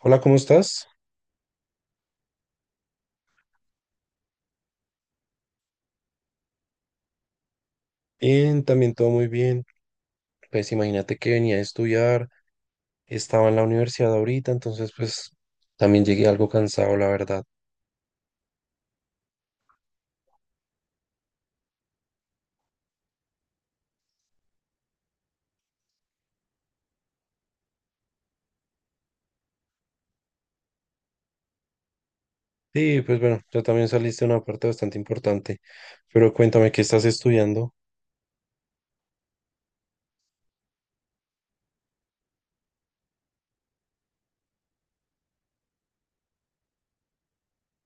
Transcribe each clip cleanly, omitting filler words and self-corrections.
Hola, ¿cómo estás? Bien, también todo muy bien. Pues imagínate que venía a estudiar, estaba en la universidad ahorita, entonces pues también llegué algo cansado, la verdad. Sí, pues bueno, yo también saliste una parte bastante importante, pero cuéntame qué estás estudiando.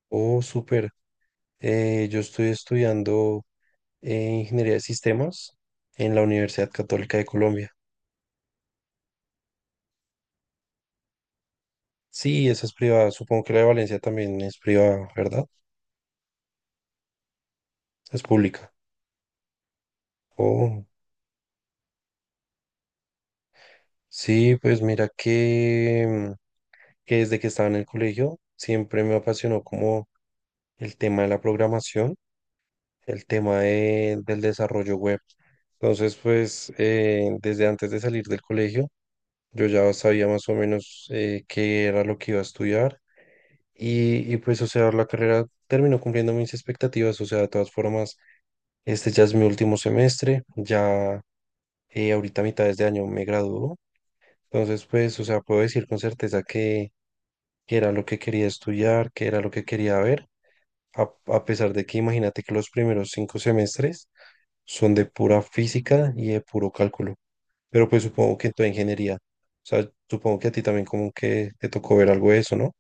Oh, súper. Yo estoy estudiando Ingeniería de Sistemas en la Universidad Católica de Colombia. Sí, esa es privada, supongo que la de Valencia también es privada, ¿verdad? Es pública. Oh, sí, pues mira que... Que desde que estaba en el colegio siempre me apasionó como el tema de la programación, el tema del desarrollo web. Entonces, pues desde antes de salir del colegio, yo ya sabía más o menos qué era lo que iba a estudiar y, pues, o sea, la carrera terminó cumpliendo mis expectativas. O sea, de todas formas, este ya es mi último semestre, ya ahorita a mitades de este año me graduó. Entonces, pues, o sea, puedo decir con certeza que era lo que quería estudiar, que era lo que quería ver. A pesar de que imagínate que los primeros cinco semestres son de pura física y de puro cálculo, pero pues supongo que en toda ingeniería, o sea, supongo que a ti también como que te tocó ver algo de eso, ¿no?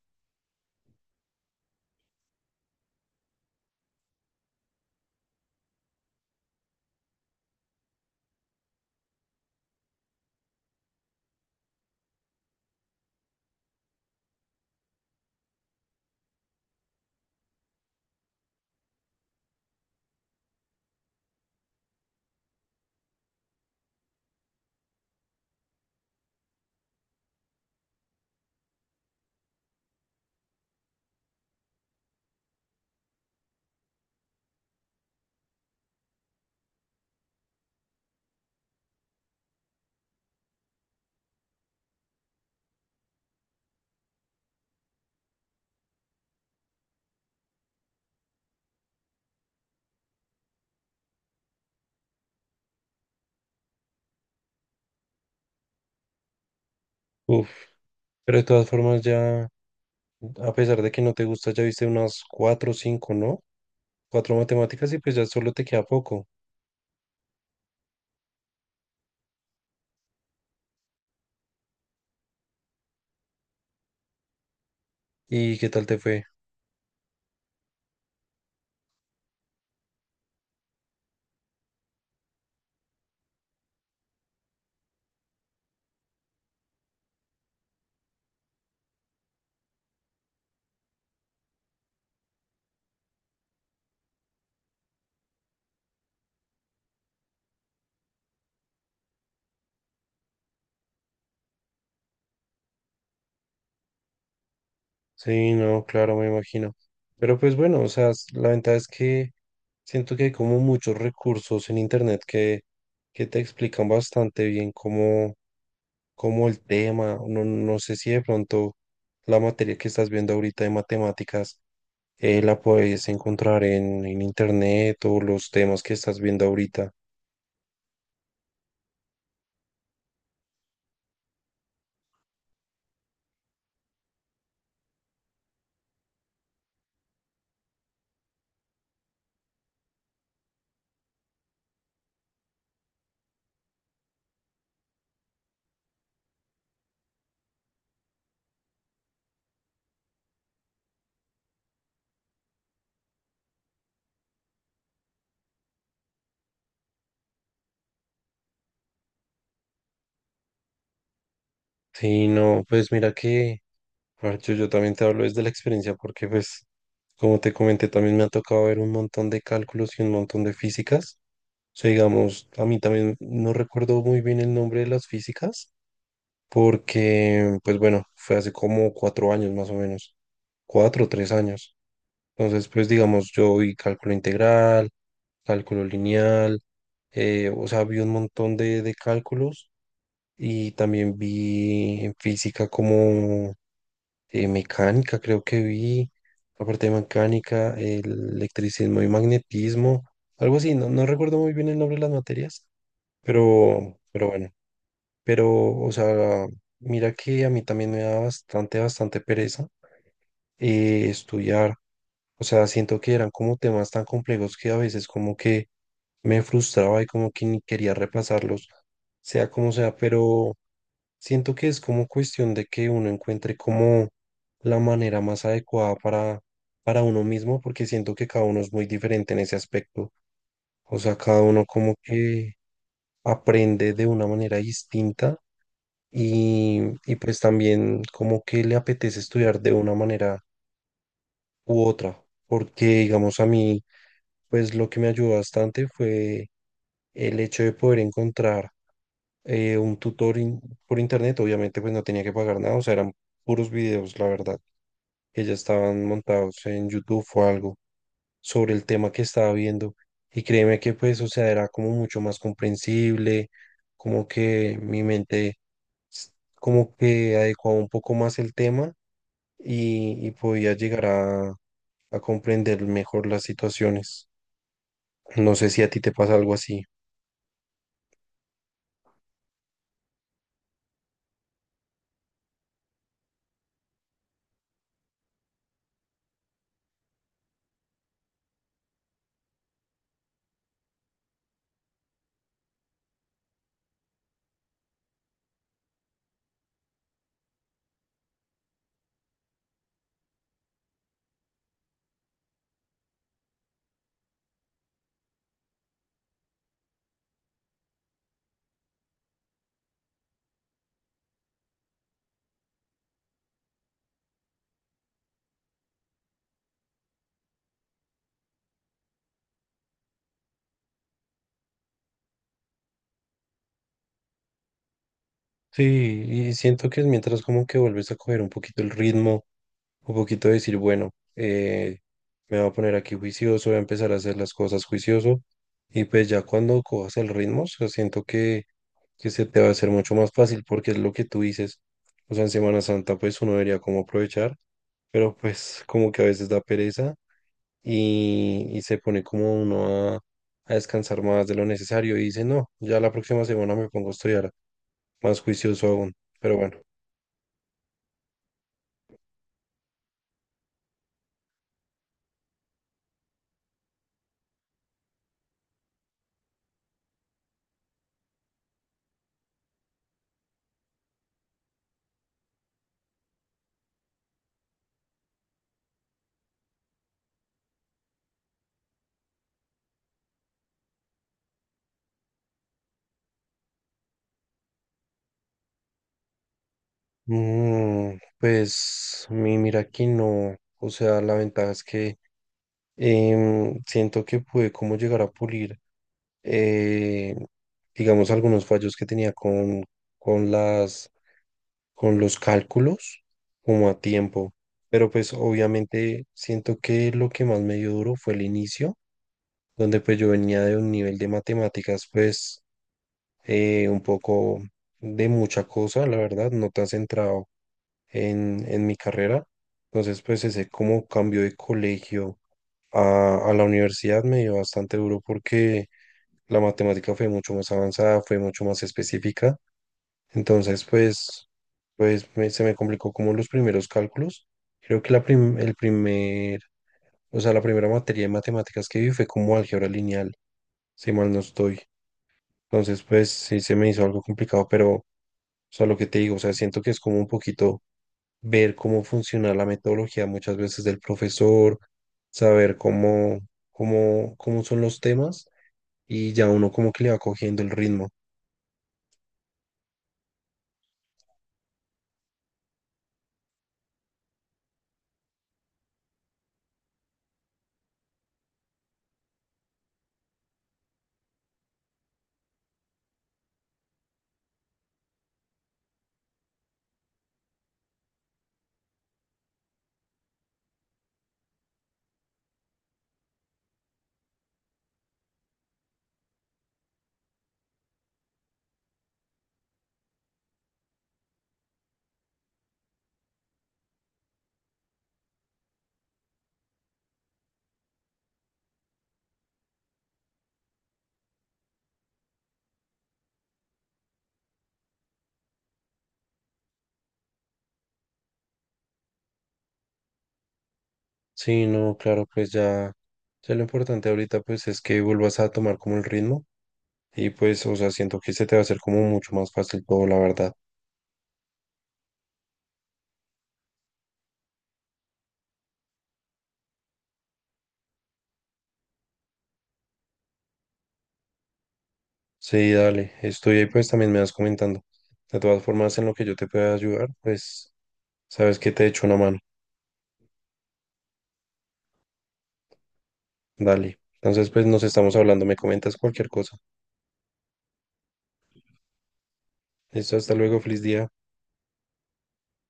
Uf, pero de todas formas ya, a pesar de que no te gusta, ya viste unas cuatro o cinco, ¿no? Cuatro matemáticas y pues ya solo te queda poco. ¿Y qué tal te fue? Sí, no, claro, me imagino. Pero pues bueno, o sea, la ventaja es que siento que hay como muchos recursos en internet que te explican bastante bien cómo, cómo el tema, no, no sé si de pronto la materia que estás viendo ahorita de matemáticas la puedes encontrar en internet o los temas que estás viendo ahorita. Sí, no, pues mira que... Parcho, yo también te hablo desde la experiencia porque, pues, como te comenté, también me ha tocado ver un montón de cálculos y un montón de físicas. O sea, digamos, a mí también no recuerdo muy bien el nombre de las físicas porque, pues bueno, fue hace como cuatro años más o menos, cuatro o tres años. Entonces, pues, digamos, yo vi cálculo integral, cálculo lineal, o sea, vi un montón de cálculos y también vi en física como... Mecánica, creo que vi, aparte de mecánica, el electricismo y magnetismo, algo así, no, no recuerdo muy bien el nombre de las materias, pero bueno, pero, o sea, mira que a mí también me da bastante, bastante pereza estudiar. O sea, siento que eran como temas tan complejos que a veces como que me frustraba y como que ni quería reemplazarlos, sea como sea, pero siento que es como cuestión de que uno encuentre como la manera más adecuada para uno mismo, porque siento que cada uno es muy diferente en ese aspecto. O sea, cada uno como que aprende de una manera distinta y pues también como que le apetece estudiar de una manera u otra, porque digamos a mí, pues lo que me ayudó bastante fue el hecho de poder encontrar un tutor por internet, obviamente pues no tenía que pagar nada, o sea, eran puros videos, la verdad, que ya estaban montados en YouTube o algo sobre el tema que estaba viendo. Y créeme que pues, o sea, era como mucho más comprensible, como que mi mente como que adecuaba un poco más el tema y podía llegar a comprender mejor las situaciones. No sé si a ti te pasa algo así. Sí, y siento que es mientras como que vuelves a coger un poquito el ritmo, un poquito de decir, bueno, me voy a poner aquí juicioso, voy a empezar a hacer las cosas juicioso, y pues ya cuando cojas el ritmo, o sea, siento que se te va a hacer mucho más fácil porque es lo que tú dices. O sea, en Semana Santa pues uno debería como aprovechar, pero pues como que a veces da pereza y se pone como uno a descansar más de lo necesario y dice, no, ya la próxima semana me pongo a estudiar más juicioso aún. Pero bueno, mm, pues mi, mira que no, o sea, la ventaja es que siento que pude como llegar a pulir, eh, digamos, algunos fallos que tenía con las, con los cálculos como a tiempo. Pero pues obviamente siento que lo que más me dio duro fue el inicio, donde pues yo venía de un nivel de matemáticas pues un poco de mucha cosa, la verdad, no tan centrado en mi carrera. Entonces, pues ese como cambio de colegio a la universidad me dio bastante duro porque la matemática fue mucho más avanzada, fue mucho más específica. Entonces, pues, pues se me complicó como los primeros cálculos. Creo que la el primer, o sea, la primera materia de matemáticas que vi fue como álgebra lineal, si mal no estoy. Entonces, pues sí se me hizo algo complicado, pero, o sea, lo que te digo, o sea, siento que es como un poquito ver cómo funciona la metodología muchas veces del profesor, saber cómo, cómo, cómo son los temas y ya uno como que le va cogiendo el ritmo. Sí, no, claro, pues ya, ya lo importante ahorita pues es que vuelvas a tomar como el ritmo y pues, o sea, siento que se te va a hacer como mucho más fácil todo, la verdad. Sí, dale, estoy ahí pues también me vas comentando. De todas formas, en lo que yo te pueda ayudar, pues sabes que te echo una mano. Dale. Entonces, pues nos estamos hablando, me comentas cualquier cosa. Listo, hasta luego, feliz día.